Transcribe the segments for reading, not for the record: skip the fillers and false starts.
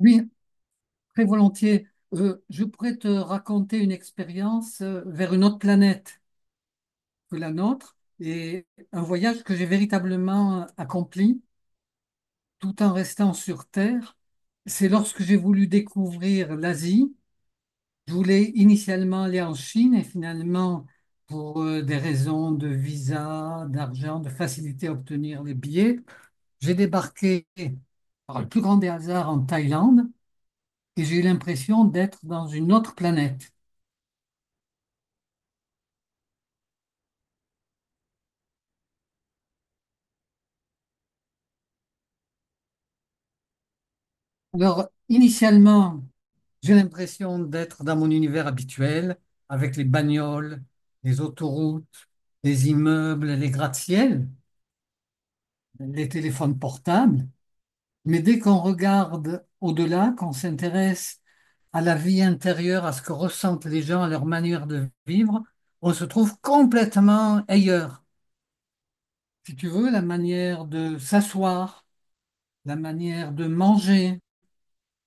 Oui, très volontiers. Je pourrais te raconter une expérience vers une autre planète que la nôtre et un voyage que j'ai véritablement accompli tout en restant sur Terre. C'est lorsque j'ai voulu découvrir l'Asie. Je voulais initialement aller en Chine et finalement, pour des raisons de visa, d'argent, de facilité à obtenir les billets, j'ai débarqué par le plus grand des hasards en Thaïlande et j'ai eu l'impression d'être dans une autre planète. Alors, initialement, j'ai l'impression d'être dans mon univers habituel, avec les bagnoles, les autoroutes, les immeubles, les gratte-ciel, les téléphones portables. Mais dès qu'on regarde au-delà, qu'on s'intéresse à la vie intérieure, à ce que ressentent les gens, à leur manière de vivre, on se trouve complètement ailleurs. Si tu veux, la manière de s'asseoir, la manière de manger,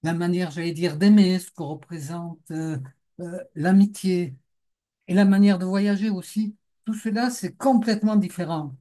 la manière, j'allais dire, d'aimer, ce que représente l'amitié et la manière de voyager aussi, tout cela, c'est complètement différent.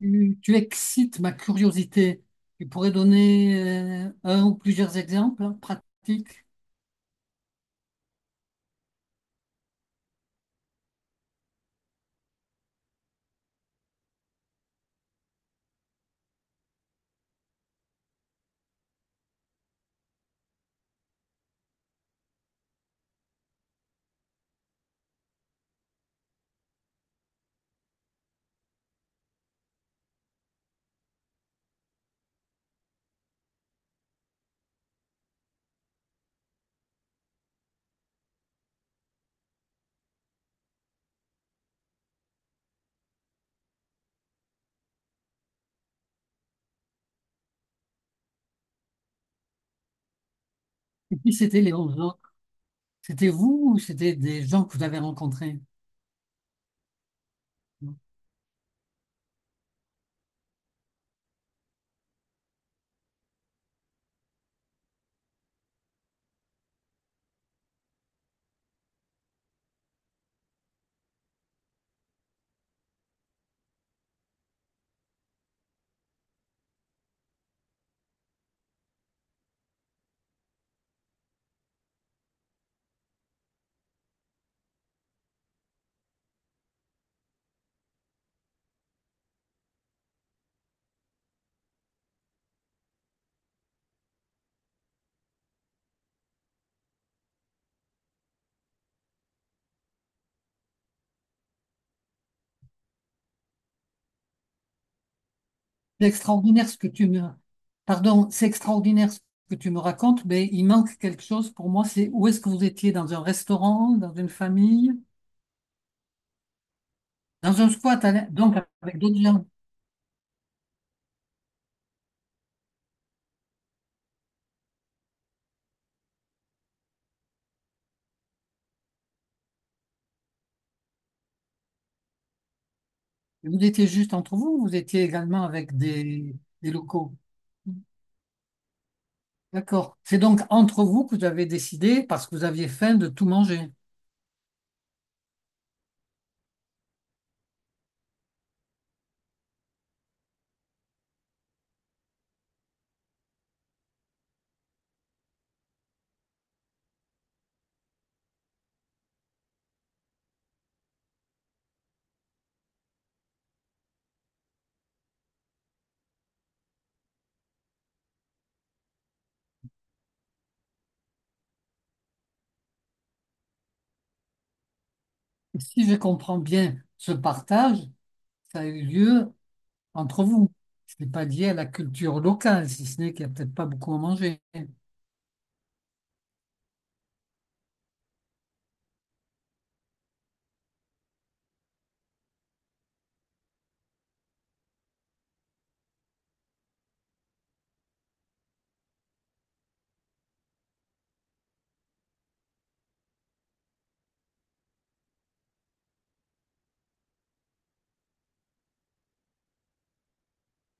Tu excites ma curiosité. Tu pourrais donner un ou plusieurs exemples, hein, pratiques. Et puis, c'était les 11 autres. C'était vous ou c'était des gens que vous avez rencontrés? C'est extraordinaire ce que tu me... Pardon, c'est extraordinaire ce que tu me racontes, mais il manque quelque chose pour moi. C'est où est-ce que vous étiez? Dans un restaurant, dans une famille? Dans un squat, à l'in- donc avec d'autres gens. Vous étiez juste entre vous, ou vous étiez également avec des locaux. D'accord. C'est donc entre vous que vous avez décidé, parce que vous aviez faim, de tout manger. Et si je comprends bien, ce partage, ça a eu lieu entre vous. Ce n'est pas lié à la culture locale, si ce n'est qu'il n'y a peut-être pas beaucoup à manger.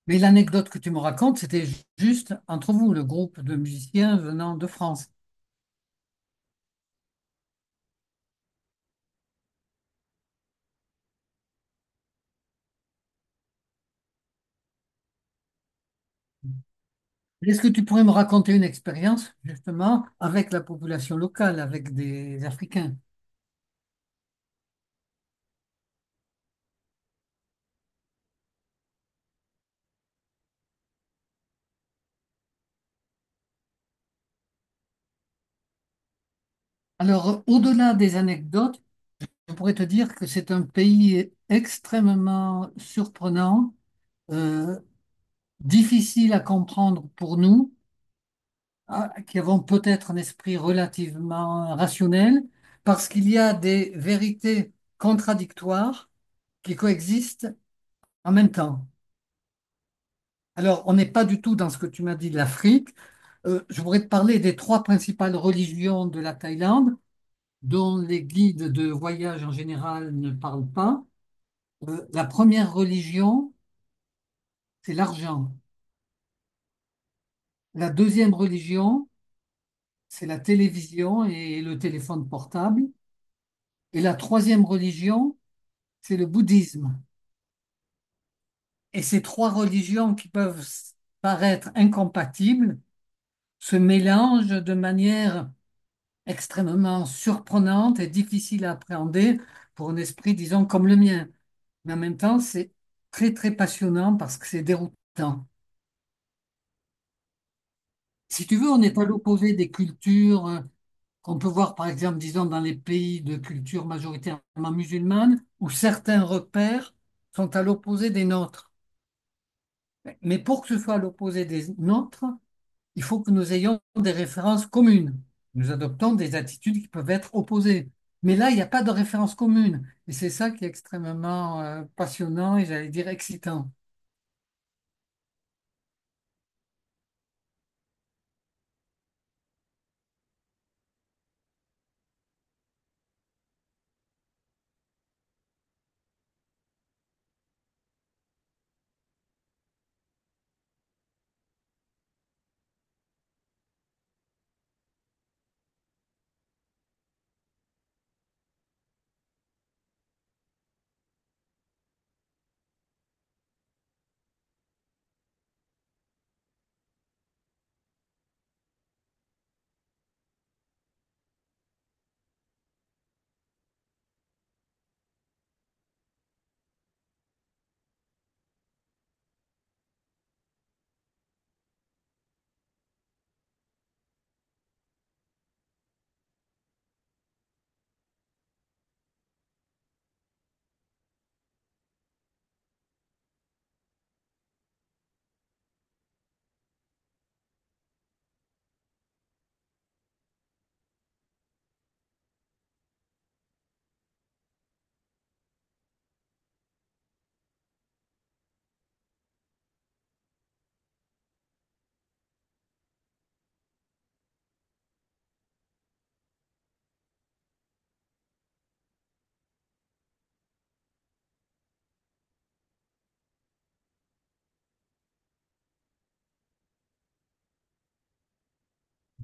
Mais l'anecdote que tu me racontes, c'était ju- juste entre vous, le groupe de musiciens venant de France. Est-ce que tu pourrais me raconter une expérience justement avec la population locale, avec des Africains? Alors, au-delà des anecdotes, je pourrais te dire que c'est un pays extrêmement surprenant, euh, difficile à comprendre pour nous, ah, qui avons peut-être un esprit relativement rationnel, parce qu'il y a des vérités contradictoires qui coexistent en même temps. Alors, on n'est pas du tout dans ce que tu m'as dit de l'Afrique. Je voudrais te parler des trois principales religions de la Thaïlande, dont les guides de voyage en général ne parlent pas. La première religion, c'est l'argent. La deuxième religion, c'est la télévision et le téléphone portable. Et la troisième religion, c'est le bouddhisme. Et ces trois religions qui peuvent s- paraître incompatibles se mélangent de manière extrêmement surprenante et difficile à appréhender pour un esprit, disons, comme le mien. Mais en même temps, c'est très, très passionnant parce que c'est déroutant. Si tu veux, on est à l'opposé des cultures qu'on peut voir, par exemple, disons, dans les pays de culture majoritairement musulmane, où certains repères sont à l'opposé des nôtres. Mais pour que ce soit à l'opposé des nôtres, il faut que nous ayons des références communes. Nous adoptons des attitudes qui peuvent être opposées. Mais là, il n'y a pas de référence commune. Et c'est ça qui est extrêmement passionnant et j'allais dire excitant.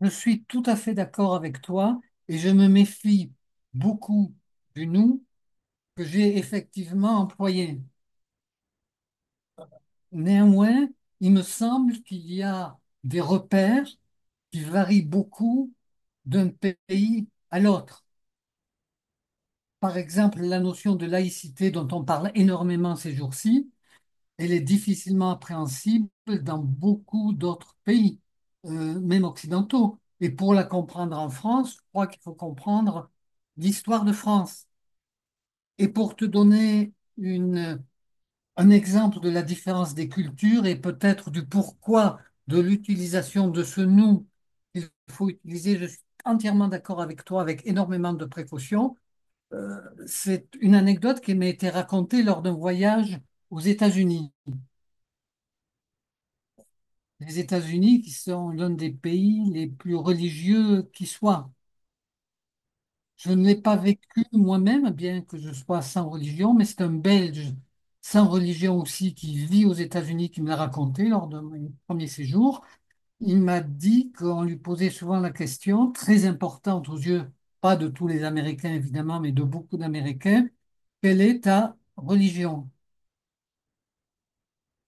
Je suis tout à fait d'accord avec toi et je me méfie beaucoup du nous que j'ai effectivement employé. Néanmoins, il me semble qu'il y a des repères qui varient beaucoup d'un pays à l'autre. Par exemple, la notion de laïcité dont on parle énormément ces jours-ci, elle est difficilement appréhensible dans beaucoup d'autres pays, même occidentaux. Et pour la comprendre en France, je crois qu'il faut comprendre l'histoire de France. Et pour te donner une- un exemple de la différence des cultures et peut-être du pourquoi de l'utilisation de ce nous qu'il faut utiliser, je suis entièrement d'accord avec toi, avec énormément de précautions. Euh, c'est une anecdote qui m'a été racontée lors d'un voyage aux États-Unis. Les États-Unis qui sont l'un des pays les plus religieux qui soit. Je ne l'ai pas vécu moi-même, bien que je sois sans religion, mais c'est un Belge sans religion aussi qui vit aux États-Unis qui me l'a raconté lors de mon premier séjour. Il m'a dit qu'on lui posait souvent la question, très importante aux yeux, pas de tous les Américains évidemment, mais de beaucoup d'Américains, quelle est ta religion?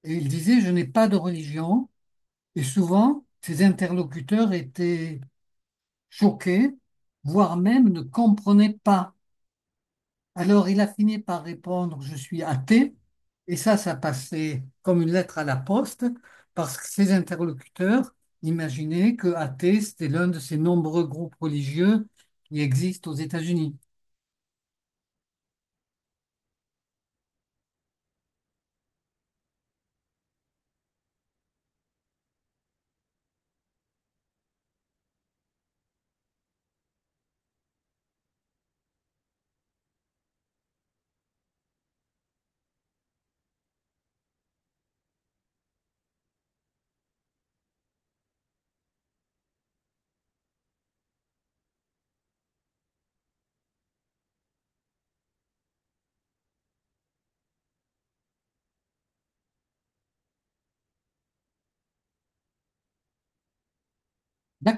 Et il disait, je n'ai pas de religion. Et souvent, ses interlocuteurs étaient choqués, voire même ne comprenaient pas. Alors, il a fini par répondre, je suis athée. Et ça passait comme une lettre à la poste, parce que ses interlocuteurs imaginaient que athée, c'était l'un de ces nombreux groupes religieux qui existent aux États-Unis. D'accord.